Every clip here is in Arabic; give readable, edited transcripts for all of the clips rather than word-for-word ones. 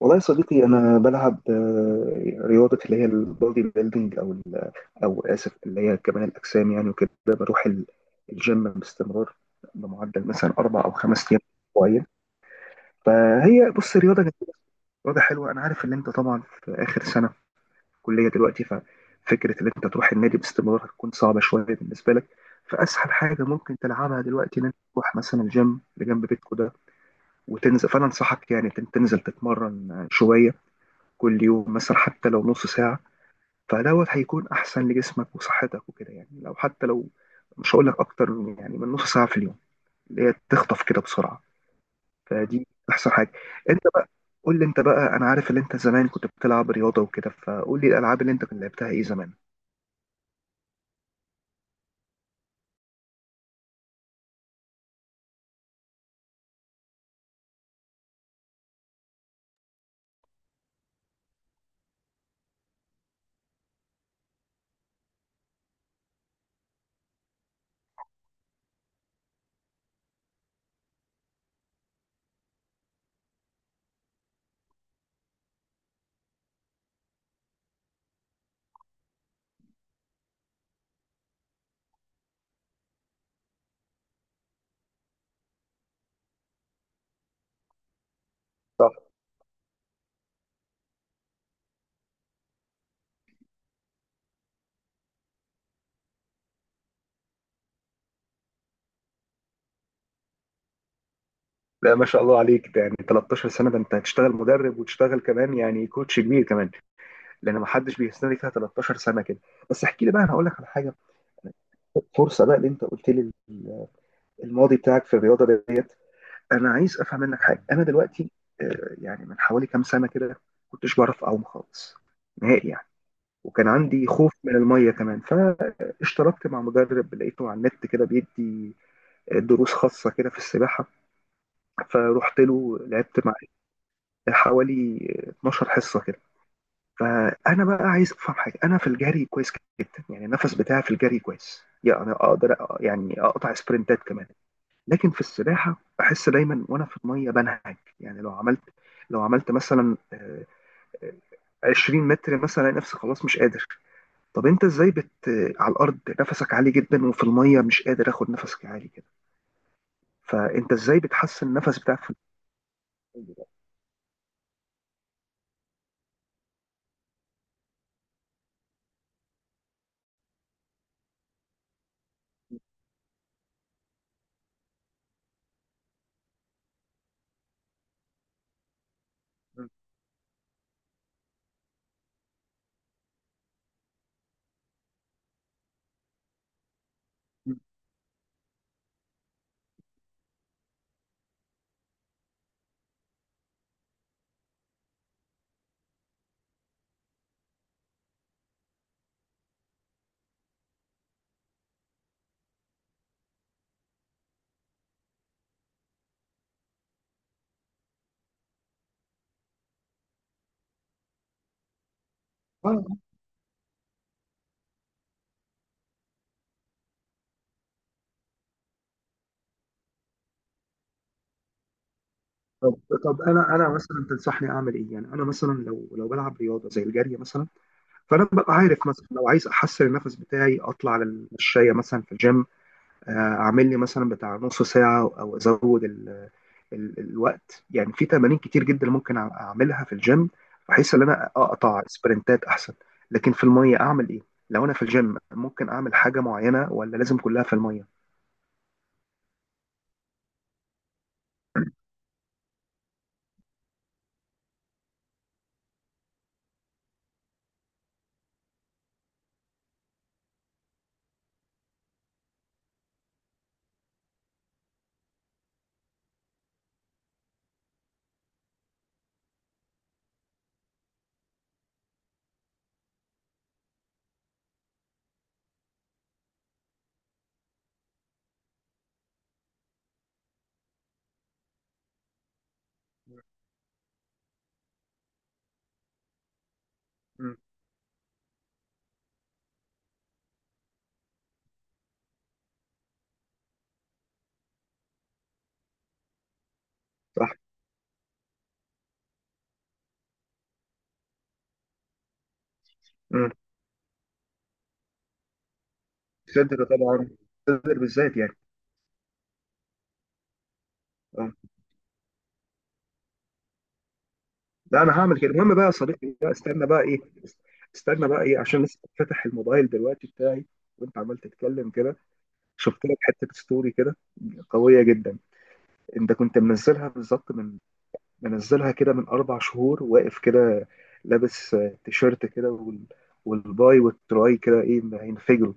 والله يا صديقي انا بلعب رياضه اللي هي البودي بيلدينج او ال- او اسف اللي هي كمال الاجسام يعني وكده بروح الجيم باستمرار بمعدل مثلا اربع او خمس ايام اسبوعيا. فهي بص رياضه جميله، رياضه حلوه. انا عارف ان انت طبعا في اخر سنه كليه دلوقتي، ففكره ان انت تروح النادي باستمرار هتكون صعبه شويه بالنسبه لك. فاسهل حاجه ممكن تلعبها دلوقتي ان انت تروح مثلا الجيم اللي جنب بيتكو ده وتنزل. فانا انصحك يعني تنزل تتمرن شويه كل يوم، مثلا حتى لو نص ساعة. فدوت هيكون أحسن لجسمك وصحتك وكده، يعني لو حتى لو، مش هقول لك أكتر من يعني من نص ساعة في اليوم، اللي هي تخطف كده بسرعة. فدي أحسن حاجة. أنت بقى قول لي، أنت بقى أنا عارف إن أنت زمان كنت بتلعب رياضة وكده، فقول لي الألعاب اللي أنت كنت لعبتها إيه زمان. صح. لا ما شاء الله عليك، ده يعني 13 سنة، ده أنت هتشتغل مدرب وتشتغل كمان يعني كوتش كبير كمان، لأن ما حدش بيستنى فيها 13 سنة كده. بس احكي لي بقى، أنا هقول لك على حاجة، فرصة بقى اللي أنت قلت لي الماضي بتاعك في الرياضة ديت. انا عايز افهم منك حاجه. انا دلوقتي يعني من حوالي كام سنه كده كنتش بعرف اعوم خالص نهائي يعني، وكان عندي خوف من الميه كمان. فاشتركت مع مدرب لقيته على النت كده، بيدي دروس خاصه كده في السباحه. فروحت له لعبت معاه حوالي 12 حصه كده. فانا بقى عايز افهم حاجه، انا في الجري كويس جدا يعني، النفس بتاعي في الجري كويس، يعني اقدر يعني اقطع سبرنتات كمان. لكن في السباحه بحس دايما وانا في الميه بنهج، يعني لو عملت مثلا آه، 20 متر مثلا الاقي نفسي خلاص مش قادر. طب انت ازاي بت آه، على الارض نفسك عالي جدا وفي الميه مش قادر اخد نفسك عالي كده؟ فانت ازاي بتحسن النفس بتاعك في الميه ده؟ آه، طب انا مثلا تنصحني اعمل ايه؟ يعني انا مثلا لو بلعب رياضه زي الجري مثلا، فانا ببقى عارف مثلا لو عايز احسن النفس بتاعي اطلع على المشايه مثلا في الجيم، اعمل لي مثلا بتاع نص ساعه او ازود ال الوقت. يعني في تمارين كتير جدا ممكن اعملها في الجيم بحيث ان انا اقطع سبرنتات احسن. لكن في الميه اعمل ايه؟ لو انا في الجيم ممكن اعمل حاجه معينه، ولا لازم كلها في الميه؟ مم. صح. مم. صدر طبعا، صدر بالذات يعني. اه. لا انا هعمل كده. المهم بقى يا صديقي، بقى استنى بقى ايه، استنى بقى ايه، عشان لسه فاتح الموبايل دلوقتي بتاعي وانت عمال تتكلم كده. شفت لك حته ستوري كده قويه جدا. انت كنت منزلها بالظبط من، منزلها كده من 4 شهور، واقف كده لابس تيشيرت كده والباي والتراي كده ايه هينفجروا.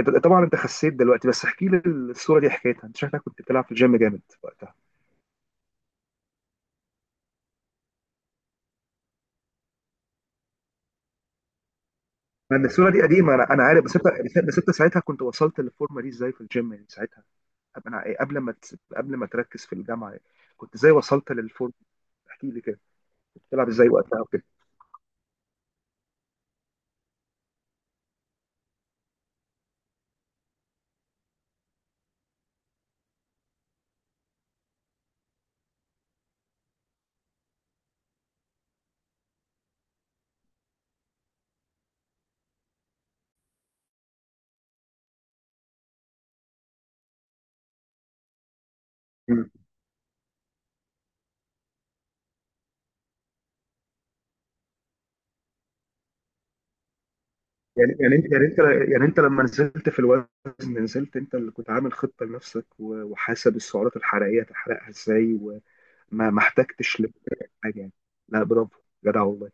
انت طبعا انت خسيت دلوقتي، بس احكي لي الصوره دي حكايتها. انت شكلك كنت بتلعب في الجيم جامد وقتها. لان الصوره دي قديمه، انا انا عارف، بس انت، بس انت ساعتها كنت وصلت للفورمه دي ازاي في الجيم؟ يعني ساعتها قبل، انا قبل ما قبل ما تركز في الجامعه يعني. كنت ازاي وصلت للفورمه؟ احكي لي كده كنت بتلعب ازاي وقتها وكده. يعني يعني انت يعني انت يعني انت لما نزلت في الوزن، نزلت انت اللي كنت عامل خطة لنفسك، وحاسب السعرات الحرارية هتحرقها ازاي، ما احتجتش لحاجة يعني؟ لا برافو، جدع والله.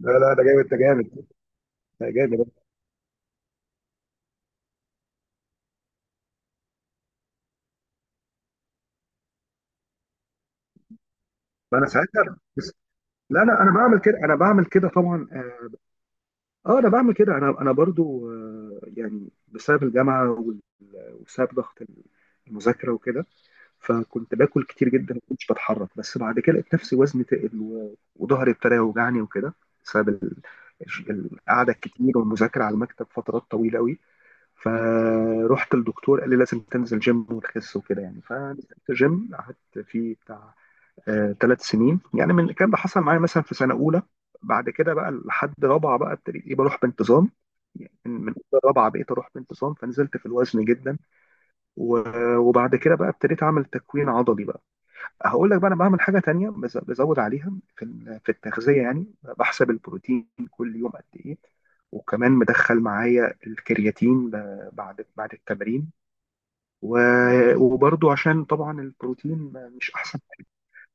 لا لا ده جامد، ده جامد، ده جامد. ما انا ساعتها بس. لا لا انا بعمل كده، انا بعمل كده طبعا اه. انا بعمل كده، انا برضو يعني بسبب الجامعة وبسبب ضغط المذاكرة وكده، فكنت باكل كتير جدا ما كنتش بتحرك. بس بعد كده لقيت نفسي وزني تقل، وظهري ابتدى يوجعني وكده بسبب القعده الكتير والمذاكره على المكتب فترات طويله قوي. فروحت للدكتور قال لي لازم تنزل جيم وتخس وكده يعني. فنزلت جيم قعدت فيه بتاع 3 سنين يعني. من الكلام ده حصل معايا مثلا في سنه اولى، بعد كده بقى لحد رابعه بقى ابتديت إيه بروح بانتظام، يعني من أولى رابعه بقيت اروح بانتظام، فنزلت في الوزن جدا. وبعد كده بقى ابتديت اعمل تكوين عضلي بقى. هقول لك بقى انا بعمل حاجه تانية بزود عليها في في التغذيه يعني. بحسب البروتين كل يوم قد ايه، وكمان مدخل معايا الكرياتين بعد التمرين. وبرضو عشان طبعا البروتين مش احسن حاجة،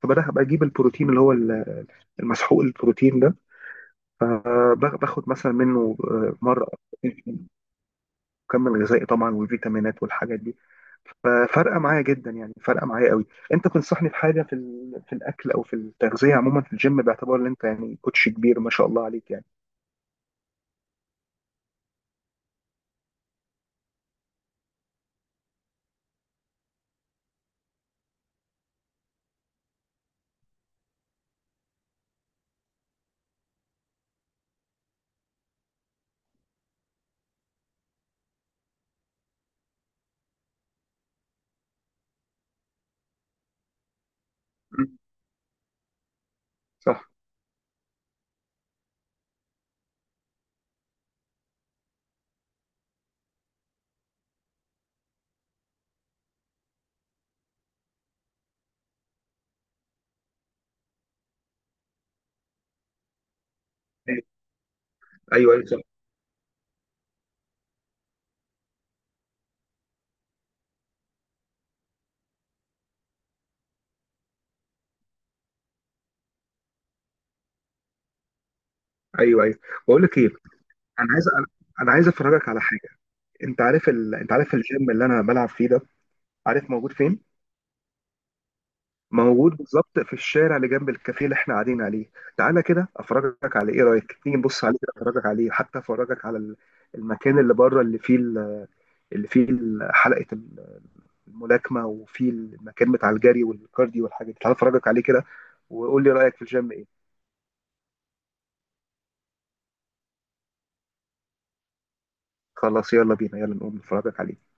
فبدأ بجيب البروتين اللي هو المسحوق البروتين ده، باخد مثلا منه مره. مكمل غذائي طبعا، والفيتامينات والحاجات دي ففرقه معايا جدا، يعني فرقه معايا قوي. انت تنصحني بحاجه في في الاكل او في التغذيه عموما في الجيم، باعتبار ان انت يعني كوتش كبير ما شاء الله عليك يعني. مم. صح. ايوه ايوه، صح. ايوه ايوه. بقول لك ايه، انا عايز انا عايز افرجك على حاجه. انت عارف انت عارف الجيم اللي انا بلعب فيه ده؟ عارف موجود فين؟ موجود بالظبط في الشارع اللي جنب الكافيه اللي احنا قاعدين عليه. تعالى كده افرجك، على ايه رايك تيجي نبص عليه كده، افرجك عليه، حتى افرجك على المكان اللي بره اللي فيه اللي فيه حلقه الملاكمه، وفيه المكان بتاع الجري والكارديو والحاجات دي. تعالى افرجك عليه كده وقول لي رايك في الجيم ايه. خلاص يلا بينا، يلا نقوم نفرجك عليه.